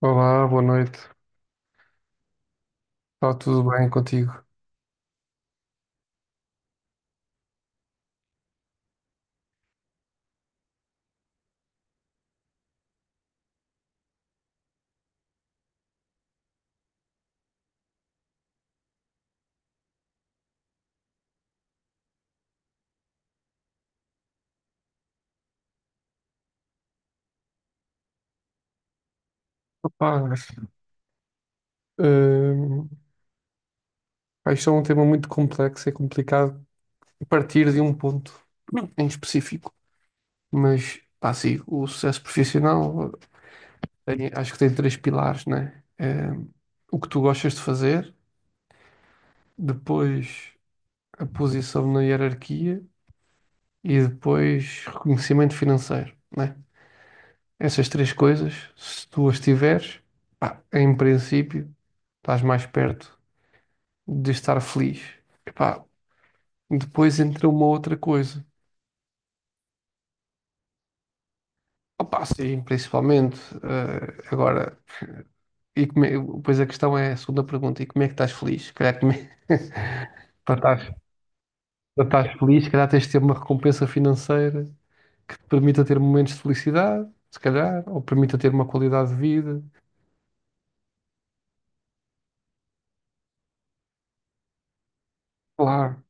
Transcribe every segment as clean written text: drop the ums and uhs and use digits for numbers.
Olá, boa noite. Está tudo bem contigo? Rapaz, hum, pá, isto é um tema muito complexo, é complicado partir de um ponto em específico. Mas, pá, sim, o sucesso profissional acho que tem três pilares, né? É, o que tu gostas de fazer, depois a posição na hierarquia e depois reconhecimento financeiro, né? Essas três coisas, se tu as tiveres, pá, em princípio, estás mais perto de estar feliz. Epá, depois entra uma outra coisa. Opa, sim, principalmente. Agora, e como é- a questão é a segunda pergunta: e como é que estás feliz? Se calhar, para estás, para estás feliz, se calhar tens de ter uma recompensa financeira que te permita ter momentos de felicidade, se calhar, ou permita ter uma qualidade de vida. Claro,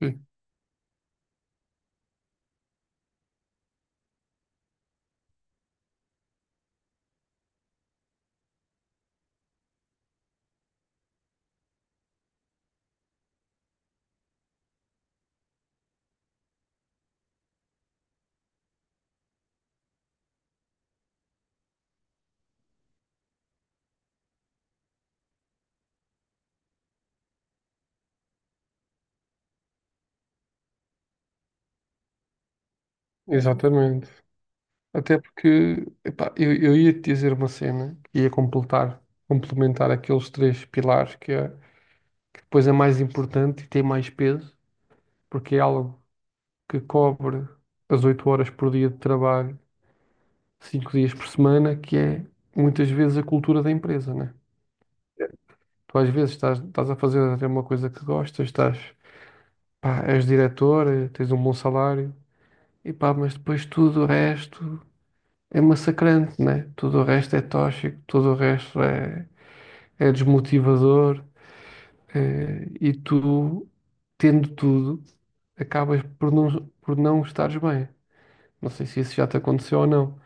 sim, exatamente. Até porque, epá, eu ia te dizer uma cena que ia completar, complementar aqueles três pilares que é. Pois é mais importante e tem mais peso, porque é algo que cobre as 8 horas por dia de trabalho, 5 dias por semana, que é muitas vezes a cultura da empresa, né? Tu às vezes estás a fazer até uma coisa que gostas, estás, pá, és diretor, tens um bom salário, e pá, mas depois tudo o resto é massacrante, né? Tudo o resto é tóxico, tudo o resto é, é desmotivador, e tu, tendo tudo, acabas por não estares bem. Não sei se isso já te aconteceu ou não.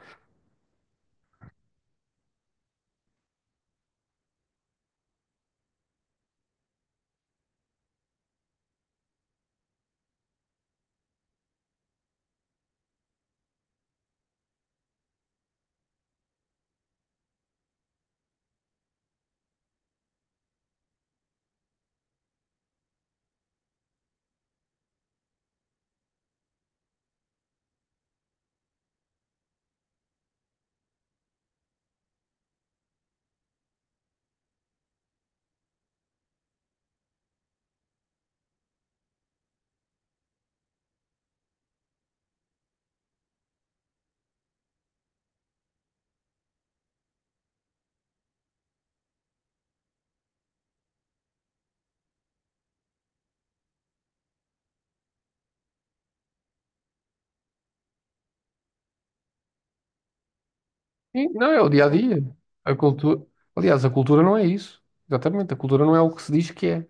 E não, é o dia a dia. A cultura. Aliás, a cultura não é isso. Exatamente. A cultura não é o que se diz que é.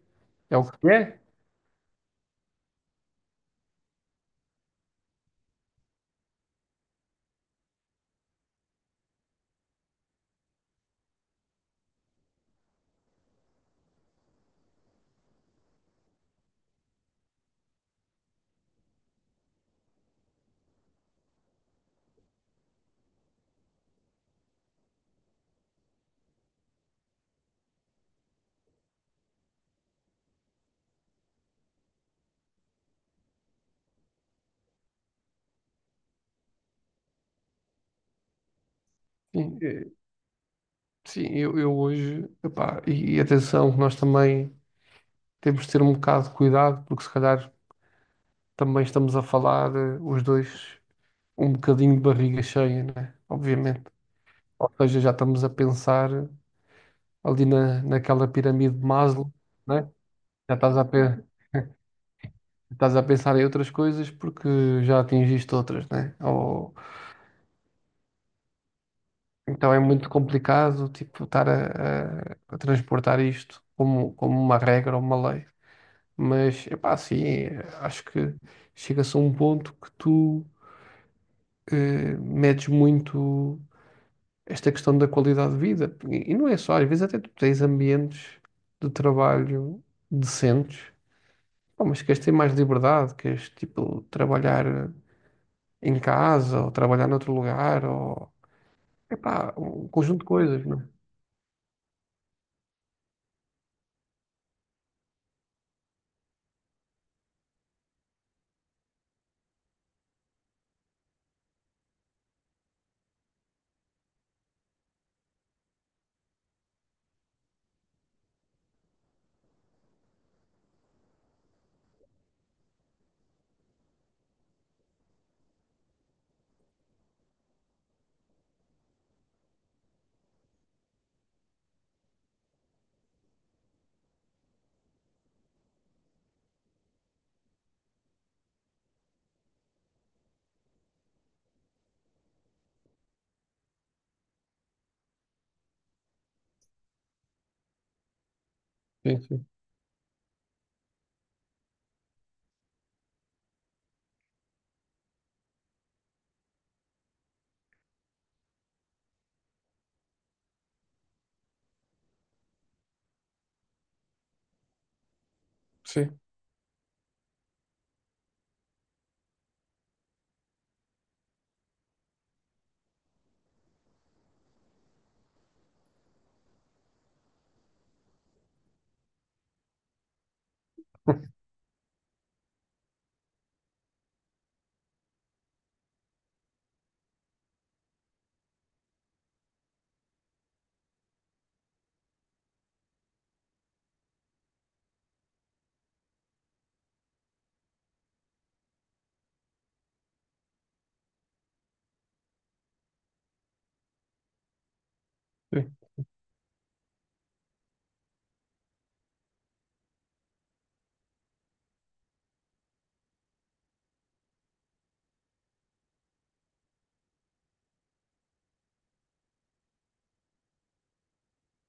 É o que é. Sim, sim, eu hoje. Epá, e atenção, que nós também temos de ter um bocado de cuidado, porque se calhar também estamos a falar, os dois, um bocadinho de barriga cheia, né? Obviamente. Ou seja, já estamos a pensar ali na, naquela pirâmide de Maslow, né? Já estás a pensar em outras coisas porque já atingiste outras, né? Ou então é muito complicado, tipo, estar a transportar isto como, como uma regra ou uma lei. Mas, epá, sim, acho que chega-se a um ponto que tu medes muito esta questão da qualidade de vida. E não é só, às vezes até tu tens ambientes de trabalho decentes, pá, mas queres ter mais liberdade, queres, tipo, trabalhar em casa ou trabalhar noutro lugar ou epá, um conjunto de coisas, não? é? Sim, sim, sim. sim.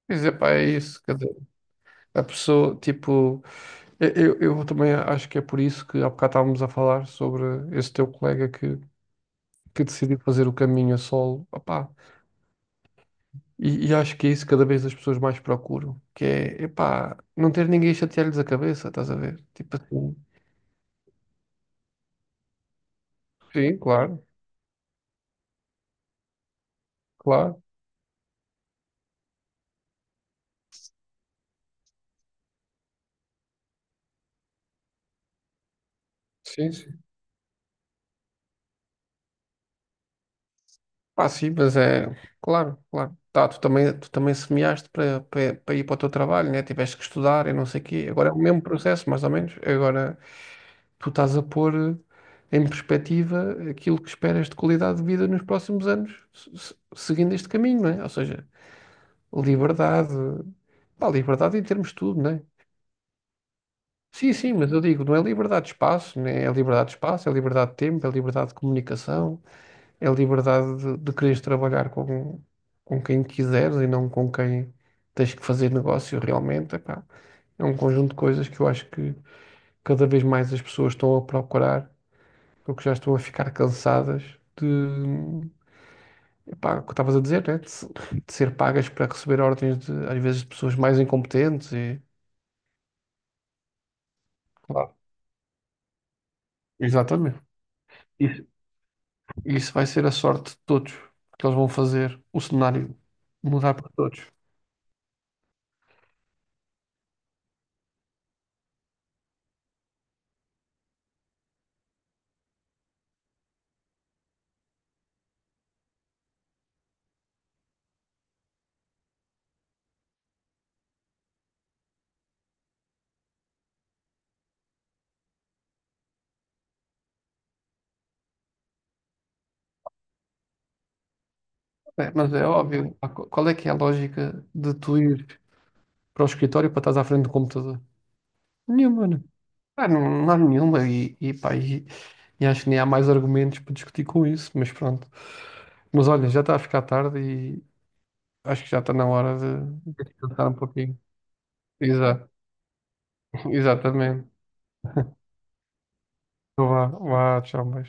Pois é, pá, é isso. Quer dizer, a pessoa, tipo, eu, eu também acho que é por isso que há bocado estávamos a falar sobre esse teu colega que decidiu fazer o caminho a solo. Opá, e acho que é isso que cada vez as pessoas mais procuram, que é, epá, não ter ninguém a chatear-lhes a cabeça, estás a ver? Tipo assim. Sim, claro, claro. Sim, sim. Pá, sim, mas é. Claro, claro. Tá, tu também semeaste para ir para o teu trabalho, né? Tiveste que estudar e não sei o quê. Agora é o mesmo processo, mais ou menos. Agora tu estás a pôr em perspectiva aquilo que esperas de qualidade de vida nos próximos anos, seguindo este caminho, não é? Ou seja, liberdade. Pá, liberdade em termos de tudo, não é? Sim, sim, mas eu digo, não é liberdade de espaço, né? É liberdade de espaço, é liberdade de tempo, é liberdade de comunicação. É a liberdade de quereres trabalhar com quem quiseres e não com quem tens que fazer negócio realmente. Epá, é um conjunto de coisas que eu acho que cada vez mais as pessoas estão a procurar, porque já estão a ficar cansadas de, epá, o que estavas a dizer, né? De, de ser pagas para receber ordens de, às vezes, de pessoas mais incompetentes e, claro, exatamente. Isso, isso vai ser a sorte de todos, porque eles vão fazer o cenário mudar para todos. É, mas é óbvio. Ah, qual é que é a lógica de tu ir para o escritório para estás à frente do computador? Nenhuma, né? Ah, não, não há nenhuma. E, pá, e acho que nem há mais argumentos para discutir com isso, mas pronto. Mas olha, já está a ficar tarde e acho que já está na hora de descansar um pouquinho. Exato, exatamente. Então vá, vá, tchau, mas.